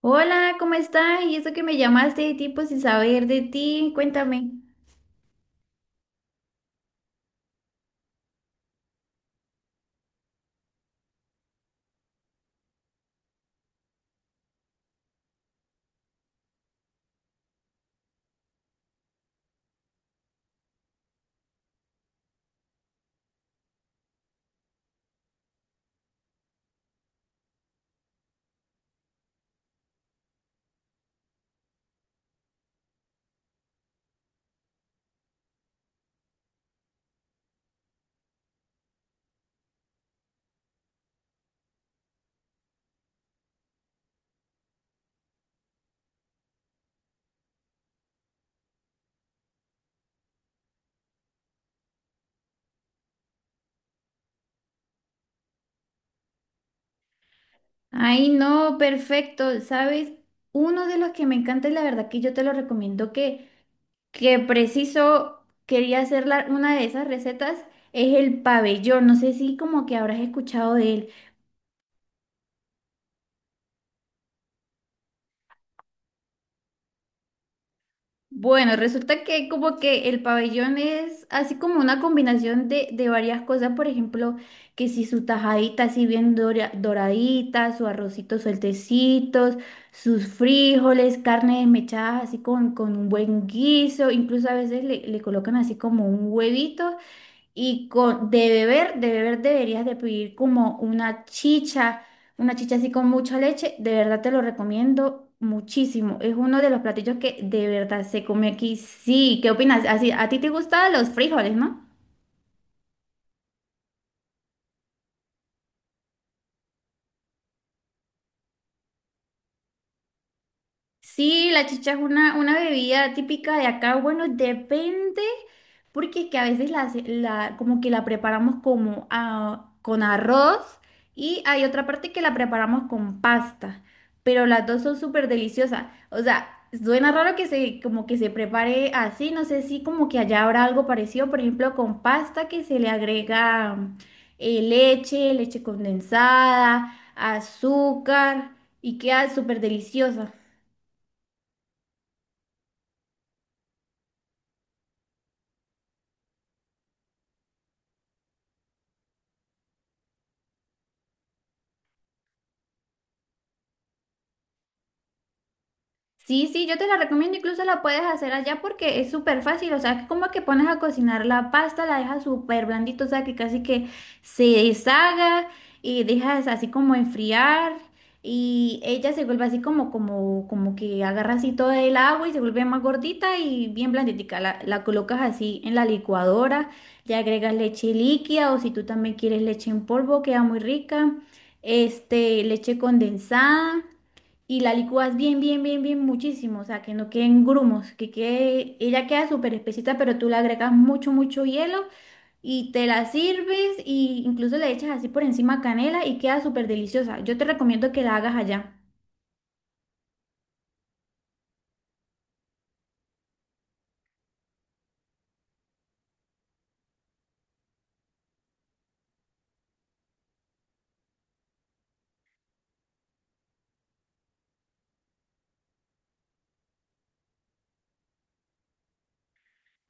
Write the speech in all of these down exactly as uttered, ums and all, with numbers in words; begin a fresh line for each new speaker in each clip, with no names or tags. Hola, ¿cómo estás? Y eso que me llamaste de tipo sin saber de ti, cuéntame. Ay, no, perfecto. ¿Sabes? Uno de los que me encanta y la verdad que yo te lo recomiendo que, que preciso quería hacer la- una de esas recetas es el pabellón. No sé si como que habrás escuchado de él. Bueno, resulta que como que el pabellón es así como una combinación de, de varias cosas, por ejemplo, que si su tajadita así bien dora- doradita, su arrocito sueltecitos, sus frijoles, carne desmechada así con, con un buen guiso, incluso a veces le, le colocan así como un huevito y con, de beber, de beber deberías de pedir como una chicha, una chicha así con mucha leche. De verdad te lo recomiendo muchísimo. Es uno de los platillos que de verdad se come aquí. Sí, ¿qué opinas? Así, a ti te gustan los frijoles, ¿no? Sí, la chicha es una, una bebida típica de acá. Bueno, depende, porque es que a veces la, hace- la- como que la preparamos como ah, con arroz y hay otra parte que la preparamos con pasta, pero las dos son súper deliciosas. O sea, suena raro que se como que se prepare así, no sé si como que allá habrá algo parecido, por ejemplo, con pasta que se le agrega mm, eh, leche, leche condensada, azúcar y queda súper deliciosa. Sí, sí, yo te la recomiendo, incluso la puedes hacer allá porque es súper fácil, o sea, que como que pones a cocinar la pasta, la dejas súper blandito, o sea, que casi que se deshaga y dejas así como enfriar y ella se vuelve así como, como, como que agarra así todo el agua y se vuelve más gordita y bien blanditica, la, la colocas así en la licuadora, le agregas leche líquida o si tú también quieres leche en polvo, queda muy rica, este, leche condensada y la licúas bien, bien, bien, bien muchísimo, o sea, que no queden grumos, que quede, ella queda súper espesita, pero tú le agregas mucho, mucho hielo y te la sirves y incluso le echas así por encima canela y queda súper deliciosa. Yo te recomiendo que la hagas allá.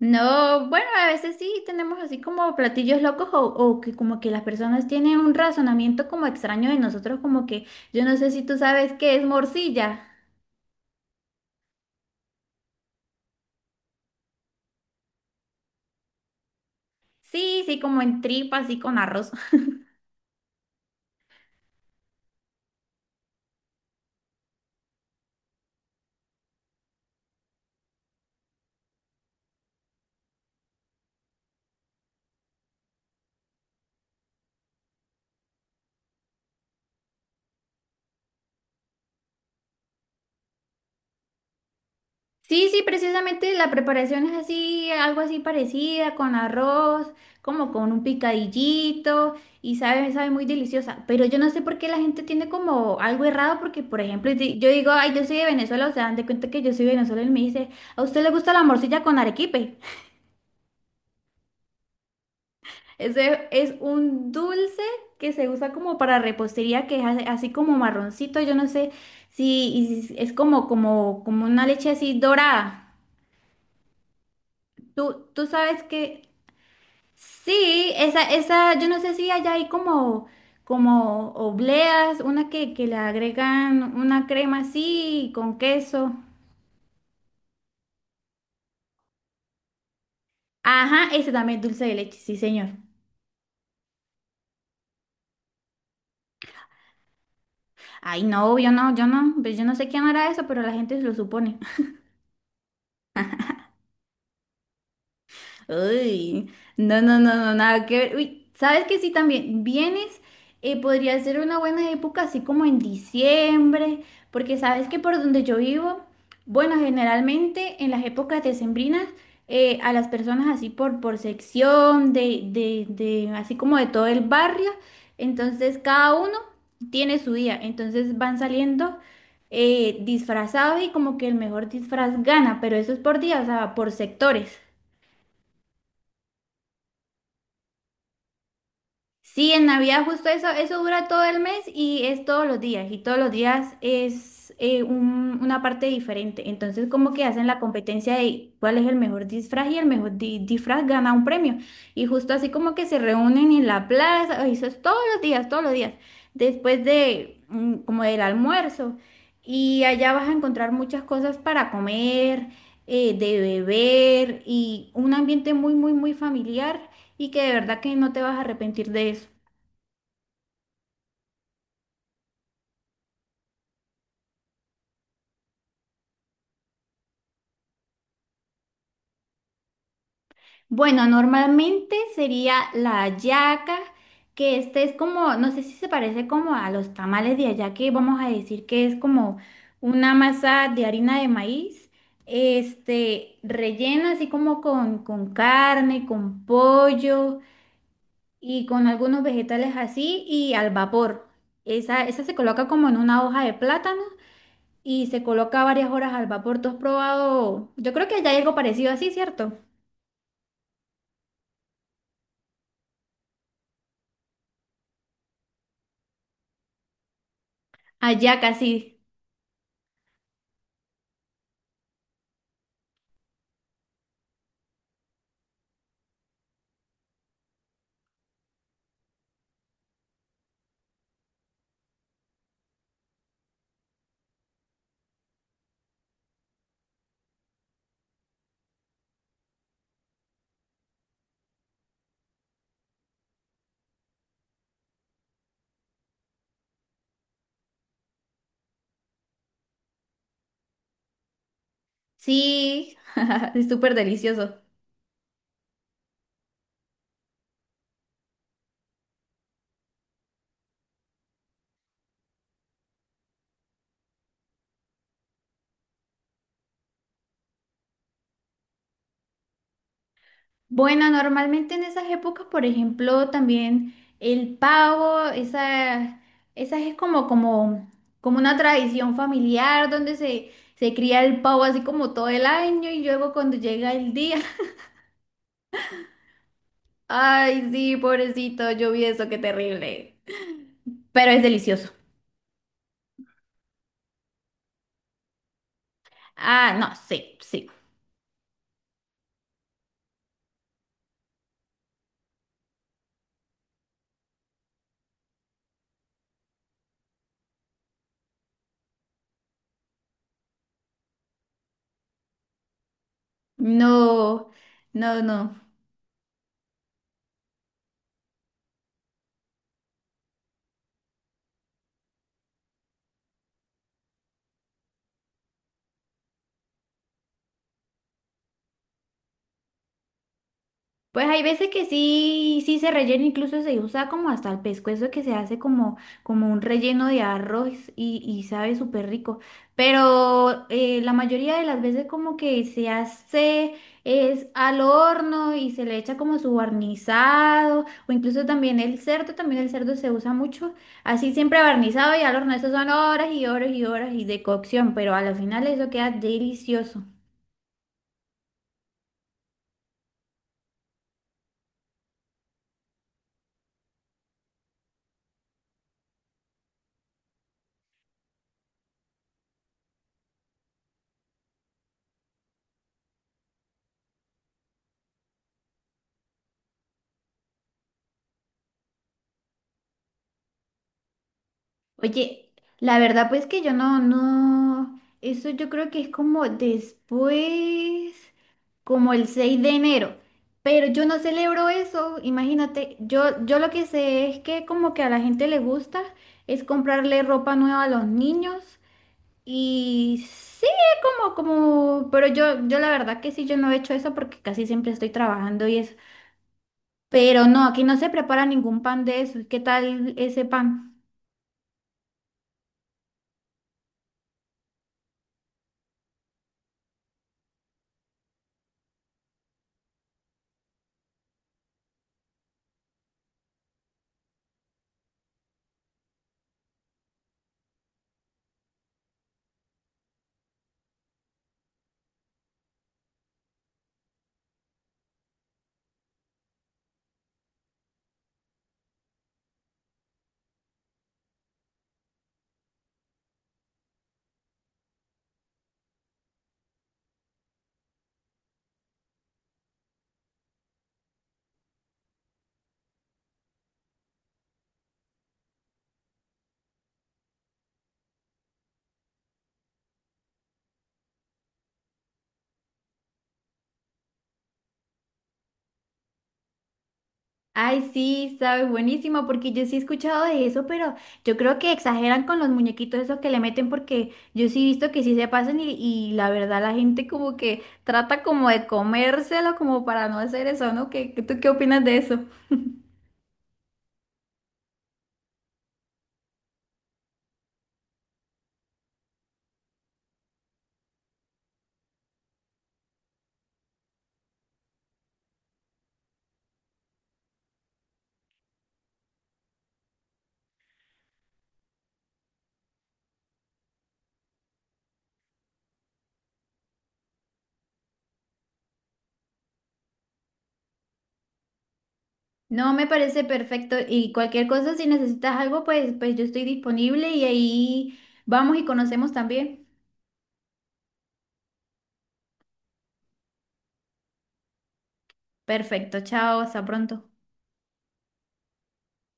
No, bueno, a veces sí tenemos así como platillos locos o, o que como que las personas tienen un razonamiento como extraño de nosotros, como que yo no sé si tú sabes qué es morcilla. Sí, sí, como en tripa, así con arroz. Sí, sí, precisamente la preparación es así, algo así parecida, con arroz, como con un picadillito y sabe, sabe muy deliciosa. Pero yo no sé por qué la gente tiene como algo errado, porque por ejemplo, di- yo digo, ay, yo soy de Venezuela, o sea, dan de cuenta que yo soy venezolana y me dice, ¿a usted le gusta la morcilla con arequipe? Ese es un dulce que se usa como para repostería, que es a- así como marroncito, yo no sé si y si es como, como, como una leche así dorada. ¿Tú, tú sabes que sí, esa, esa, yo no sé si allá hay como, como obleas, una que, que le agregan una crema así con queso. Ajá, ese también es dulce de leche, sí, señor. Ay, no, yo no, yo no, pues yo no sé quién hará eso, pero la gente lo supone. Uy, no, no, no, no, nada que ver. Uy, ¿sabes que sí también? Vienes, eh, podría ser una buena época, así como en diciembre, porque sabes que por donde yo vivo, bueno, generalmente en las épocas decembrinas, eh, a las personas así por, por sección, de, de, de, así como de todo el barrio, entonces cada uno tiene su día, entonces van saliendo eh, disfrazados y como que el mejor disfraz gana, pero eso es por día, o sea, por sectores. Sí, en Navidad justo eso, eso dura todo el mes y es todos los días, y todos los días es eh, un- una parte diferente. Entonces, como que hacen la competencia de cuál es el mejor disfraz y el mejor di- disfraz gana un premio. Y justo así como que se reúnen en la plaza, eso es todos los días, todos los días, después de mm, como del almuerzo. Y allá vas a encontrar muchas cosas para comer, eh, de beber y un ambiente muy, muy, muy familiar y que de verdad que no te vas a arrepentir de eso. Bueno, normalmente sería la hallaca, que este es como, no sé si se parece como a los tamales de allá, que vamos a decir que es como una masa de harina de maíz, este, rellena así como con, con carne, con pollo y con algunos vegetales así y al vapor. Esa, esa se coloca como en una hoja de plátano y se coloca varias horas al vapor. ¿Tú has probado? Yo creo que allá hay algo parecido así, ¿cierto? Allá casi. Sí, es súper delicioso. Bueno, normalmente en esas épocas, por ejemplo, también el pavo, esa, esa es como, como, como una tradición familiar donde se, se cría el pavo así como todo el año y luego cuando llega el día, ay, sí, pobrecito, yo vi eso, qué terrible. Pero es delicioso. Ah, no, sí, sí. No, no, no. Pues hay veces que sí, sí se rellena, incluso se usa como hasta el pescuezo que se hace como, como un relleno de arroz y, y sabe súper rico. Pero eh, la mayoría de las veces como que se hace es al horno y se le echa como su barnizado o incluso también el cerdo, también el cerdo se usa mucho. Así siempre barnizado y al horno, eso son horas y horas y horas y de cocción, pero al final eso queda delicioso. Oye, la verdad pues que yo no, no, eso yo creo que es como después, como el seis de enero, pero yo no celebro eso, imagínate, yo, yo lo que sé es que como que a la gente le gusta es comprarle ropa nueva a los niños y sí, como, como, pero yo, yo la verdad que sí, yo no he hecho eso porque casi siempre estoy trabajando y eso, pero no, aquí no se prepara ningún pan de eso, ¿qué tal ese pan? Ay, sí, sabes, buenísimo, porque yo sí he escuchado de eso, pero yo creo que exageran con los muñequitos esos que le meten, porque yo sí he visto que sí se pasan y, y la verdad la gente como que trata como de comérselo como para no hacer eso, ¿no? ¿Qué, qué- tú qué opinas de eso? No, me parece perfecto y cualquier cosa, si necesitas algo, pues, pues yo estoy disponible y ahí vamos y conocemos también. Perfecto, chao, hasta pronto.